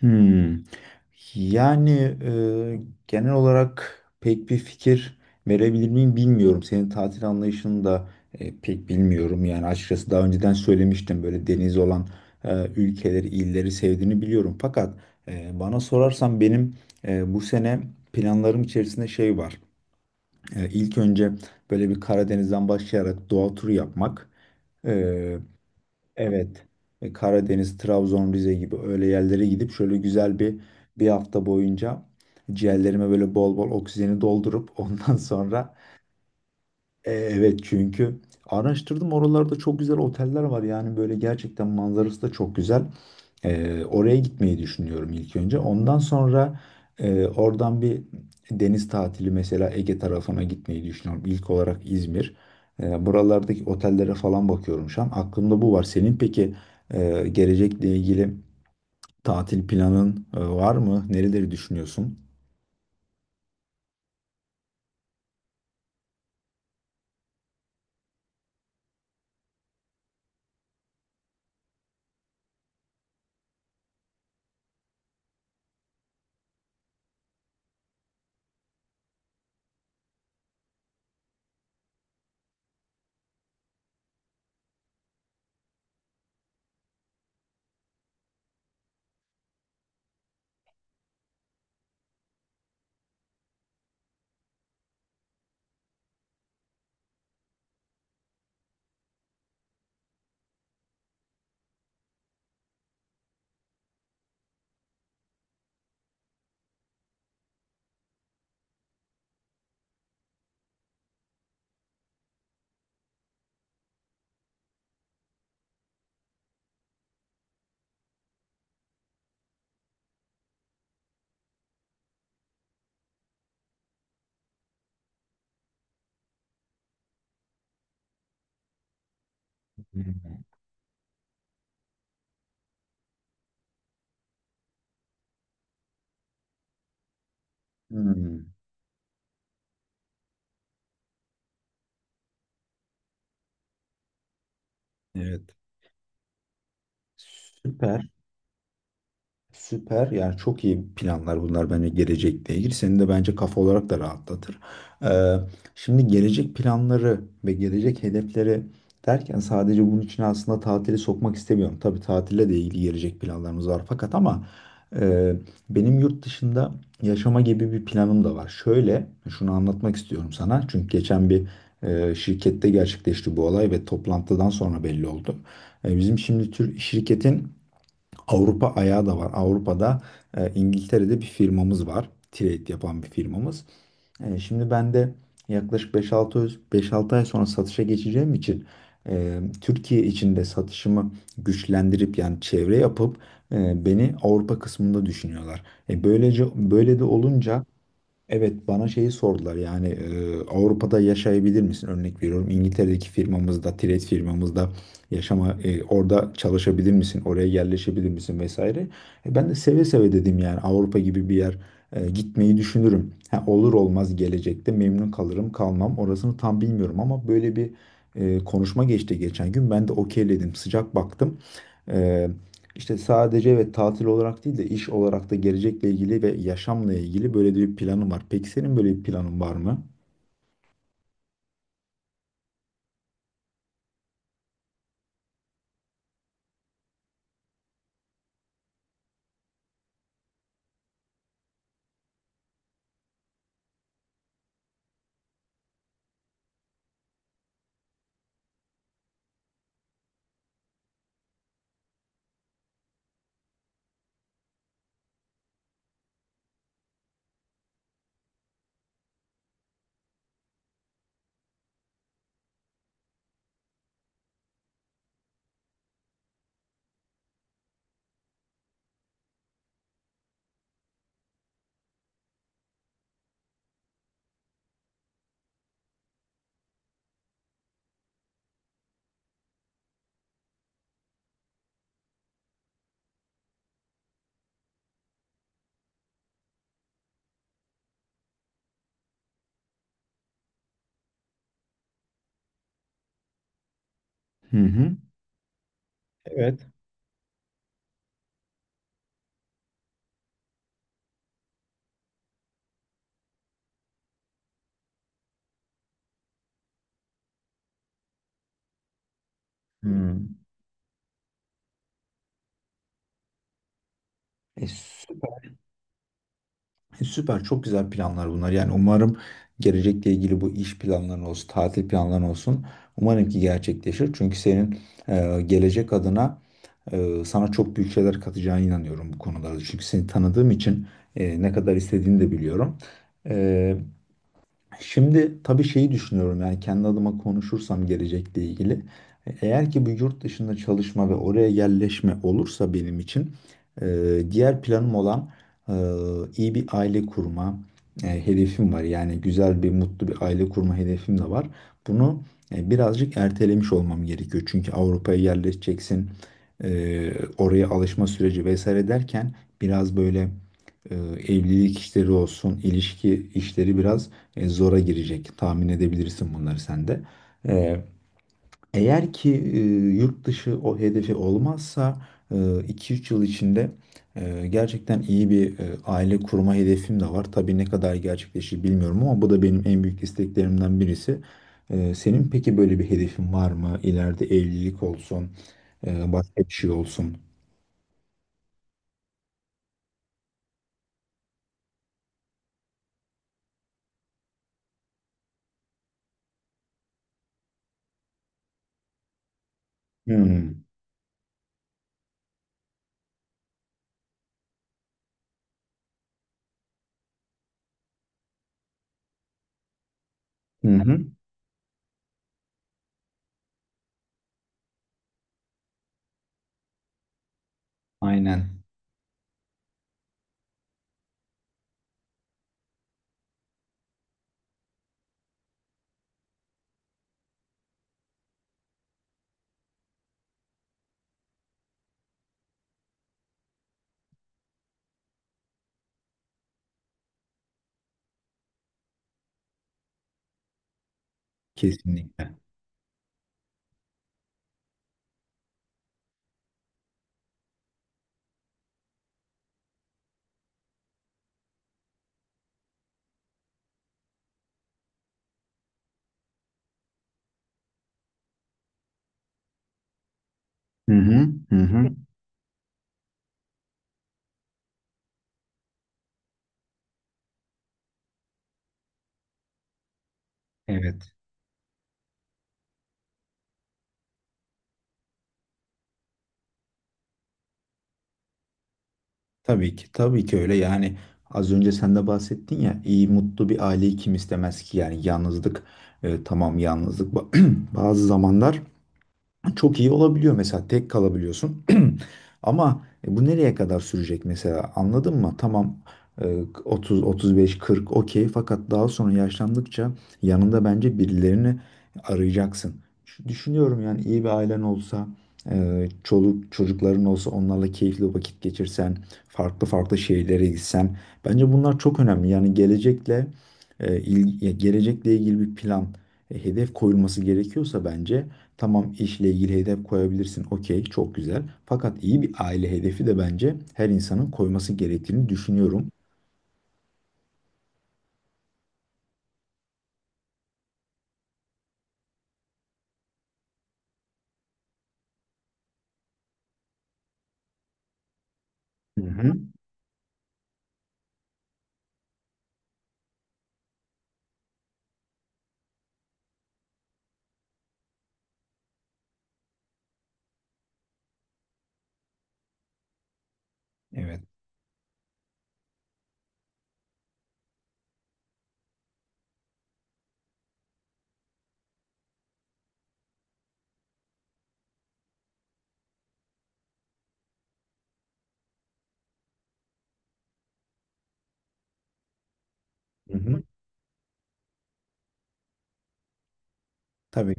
Hmm. Yani e, genel olarak pek bir fikir verebilir miyim bilmiyorum. Senin tatil anlayışını da pek bilmiyorum. Yani açıkçası daha önceden söylemiştim böyle deniz olan ülkeleri, illeri sevdiğini biliyorum. Fakat bana sorarsan benim bu sene planlarım içerisinde şey var. İlk önce böyle bir Karadeniz'den başlayarak doğa turu yapmak. Evet. Karadeniz, Trabzon, Rize gibi öyle yerlere gidip şöyle güzel bir hafta boyunca ciğerlerime böyle bol bol oksijeni doldurup ondan sonra evet, çünkü araştırdım, oralarda çok güzel oteller var yani böyle gerçekten manzarası da çok güzel. Oraya gitmeyi düşünüyorum ilk önce. Ondan sonra oradan bir deniz tatili mesela Ege tarafına gitmeyi düşünüyorum. İlk olarak İzmir. Buralardaki otellere falan bakıyorum şu an. Aklımda bu var. Senin peki gelecekle ilgili tatil planın var mı? Nereleri düşünüyorsun? Hmm. Hmm. Evet. Süper. Süper. Yani çok iyi planlar bunlar bence gelecekle ilgili. Seni de bence kafa olarak da rahatlatır. Ee, şimdi gelecek planları ve gelecek hedefleri derken sadece bunun için aslında tatili sokmak istemiyorum. Tabii tatille de ilgili gelecek planlarımız var fakat ama e, benim yurt dışında yaşama gibi bir planım da var. Şöyle şunu anlatmak istiyorum sana. Çünkü geçen bir şirkette gerçekleşti bu olay ve toplantıdan sonra belli oldu. Bizim şimdi tür şirketin Avrupa ayağı da var. Avrupa'da İngiltere'de bir firmamız var. Trade yapan bir firmamız. Şimdi ben de yaklaşık 5-6 ay sonra satışa geçeceğim için Türkiye içinde satışımı güçlendirip yani çevre yapıp beni Avrupa kısmında düşünüyorlar. Böylece böyle de olunca evet, bana şeyi sordular yani Avrupa'da yaşayabilir misin? Örnek veriyorum, İngiltere'deki firmamızda, Tiret firmamızda yaşama orada çalışabilir misin? Oraya yerleşebilir misin vesaire. Ben de seve seve dedim yani Avrupa gibi bir yer gitmeyi düşünürüm. Ha, olur olmaz gelecekte memnun kalırım kalmam orasını tam bilmiyorum ama böyle bir konuşma geçti geçen gün, ben de okeyledim, sıcak baktım. E, işte sadece ve tatil olarak değil de iş olarak da gelecekle ilgili ve yaşamla ilgili böyle de bir planım var. Peki senin böyle bir planın var mı? Hı hı. Evet. Hmm. Süper. Süper. Çok güzel planlar bunlar. Yani umarım gelecekle ilgili bu iş planların olsun, tatil planların olsun. Umarım ki gerçekleşir. Çünkü senin gelecek adına sana çok büyük şeyler katacağına inanıyorum bu konularda. Çünkü seni tanıdığım için ne kadar istediğini de biliyorum. E, Şimdi tabii şeyi düşünüyorum yani kendi adıma konuşursam gelecekle ilgili. Eğer ki bu yurt dışında çalışma ve oraya yerleşme olursa benim için e, diğer planım olan e, iyi bir aile kurma hedefim var. Yani güzel bir mutlu bir aile kurma hedefim de var. Bunu birazcık ertelemiş olmam gerekiyor. Çünkü Avrupa'ya yerleşeceksin, oraya alışma süreci vesaire derken biraz böyle e, evlilik işleri olsun, ilişki işleri biraz zora girecek. Tahmin edebilirsin bunları sen de. E, eğer ki yurt dışı o hedefi olmazsa iki üç yıl içinde gerçekten iyi bir aile kurma hedefim de var. Tabii ne kadar gerçekleşir bilmiyorum ama bu da benim en büyük isteklerimden birisi. Senin peki böyle bir hedefin var mı? İleride evlilik olsun, başka bir şey olsun. Hmm. Hı hı. Aynen. Kesinlikle. Hı hı. Hı hı. Evet. Tabii ki, tabii ki öyle. Yani az önce sen de bahsettin ya, iyi mutlu bir aileyi kim istemez ki? Yani yalnızlık, tamam, yalnızlık bazı zamanlar çok iyi olabiliyor, mesela tek kalabiliyorsun ama bu nereye kadar sürecek mesela, anladın mı? Tamam, e, 30 35 40, okey, fakat daha sonra yaşlandıkça yanında bence birilerini arayacaksın. Düşünüyorum yani iyi bir ailen olsa çoluk çocukların olsa, onlarla keyifli vakit geçirsen, farklı farklı şehirlere gitsen, bence bunlar çok önemli. Yani gelecekle gelecekle ilgili bir plan hedef koyulması gerekiyorsa bence tamam, işle ilgili hedef koyabilirsin. Okey, çok güzel. Fakat iyi bir aile hedefi de bence her insanın koyması gerektiğini düşünüyorum. Hı hı. Evet. Hı hı. Tabii.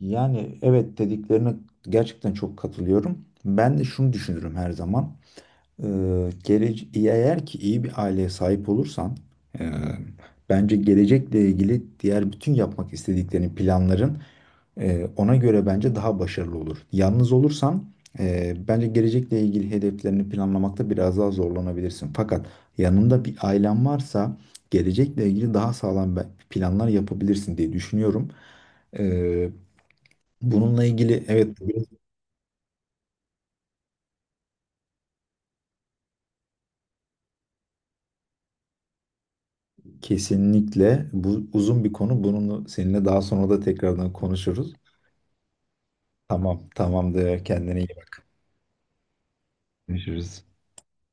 Yani evet, dediklerine gerçekten çok katılıyorum. Ben de şunu düşünürüm her zaman. Eğer ki iyi bir aileye sahip olursan, e, bence gelecekle ilgili diğer bütün yapmak istediklerini planların ona göre bence daha başarılı olur. Yalnız olursan bence gelecekle ilgili hedeflerini planlamakta biraz daha zorlanabilirsin. Fakat yanında bir ailen varsa gelecekle ilgili daha sağlam planlar yapabilirsin diye düşünüyorum. Ee, bununla ilgili evet, kesinlikle bu uzun bir konu. Bununla seninle daha sonra da tekrardan konuşuruz. Tamam, tamamdır. Kendine iyi bak. Görüşürüz.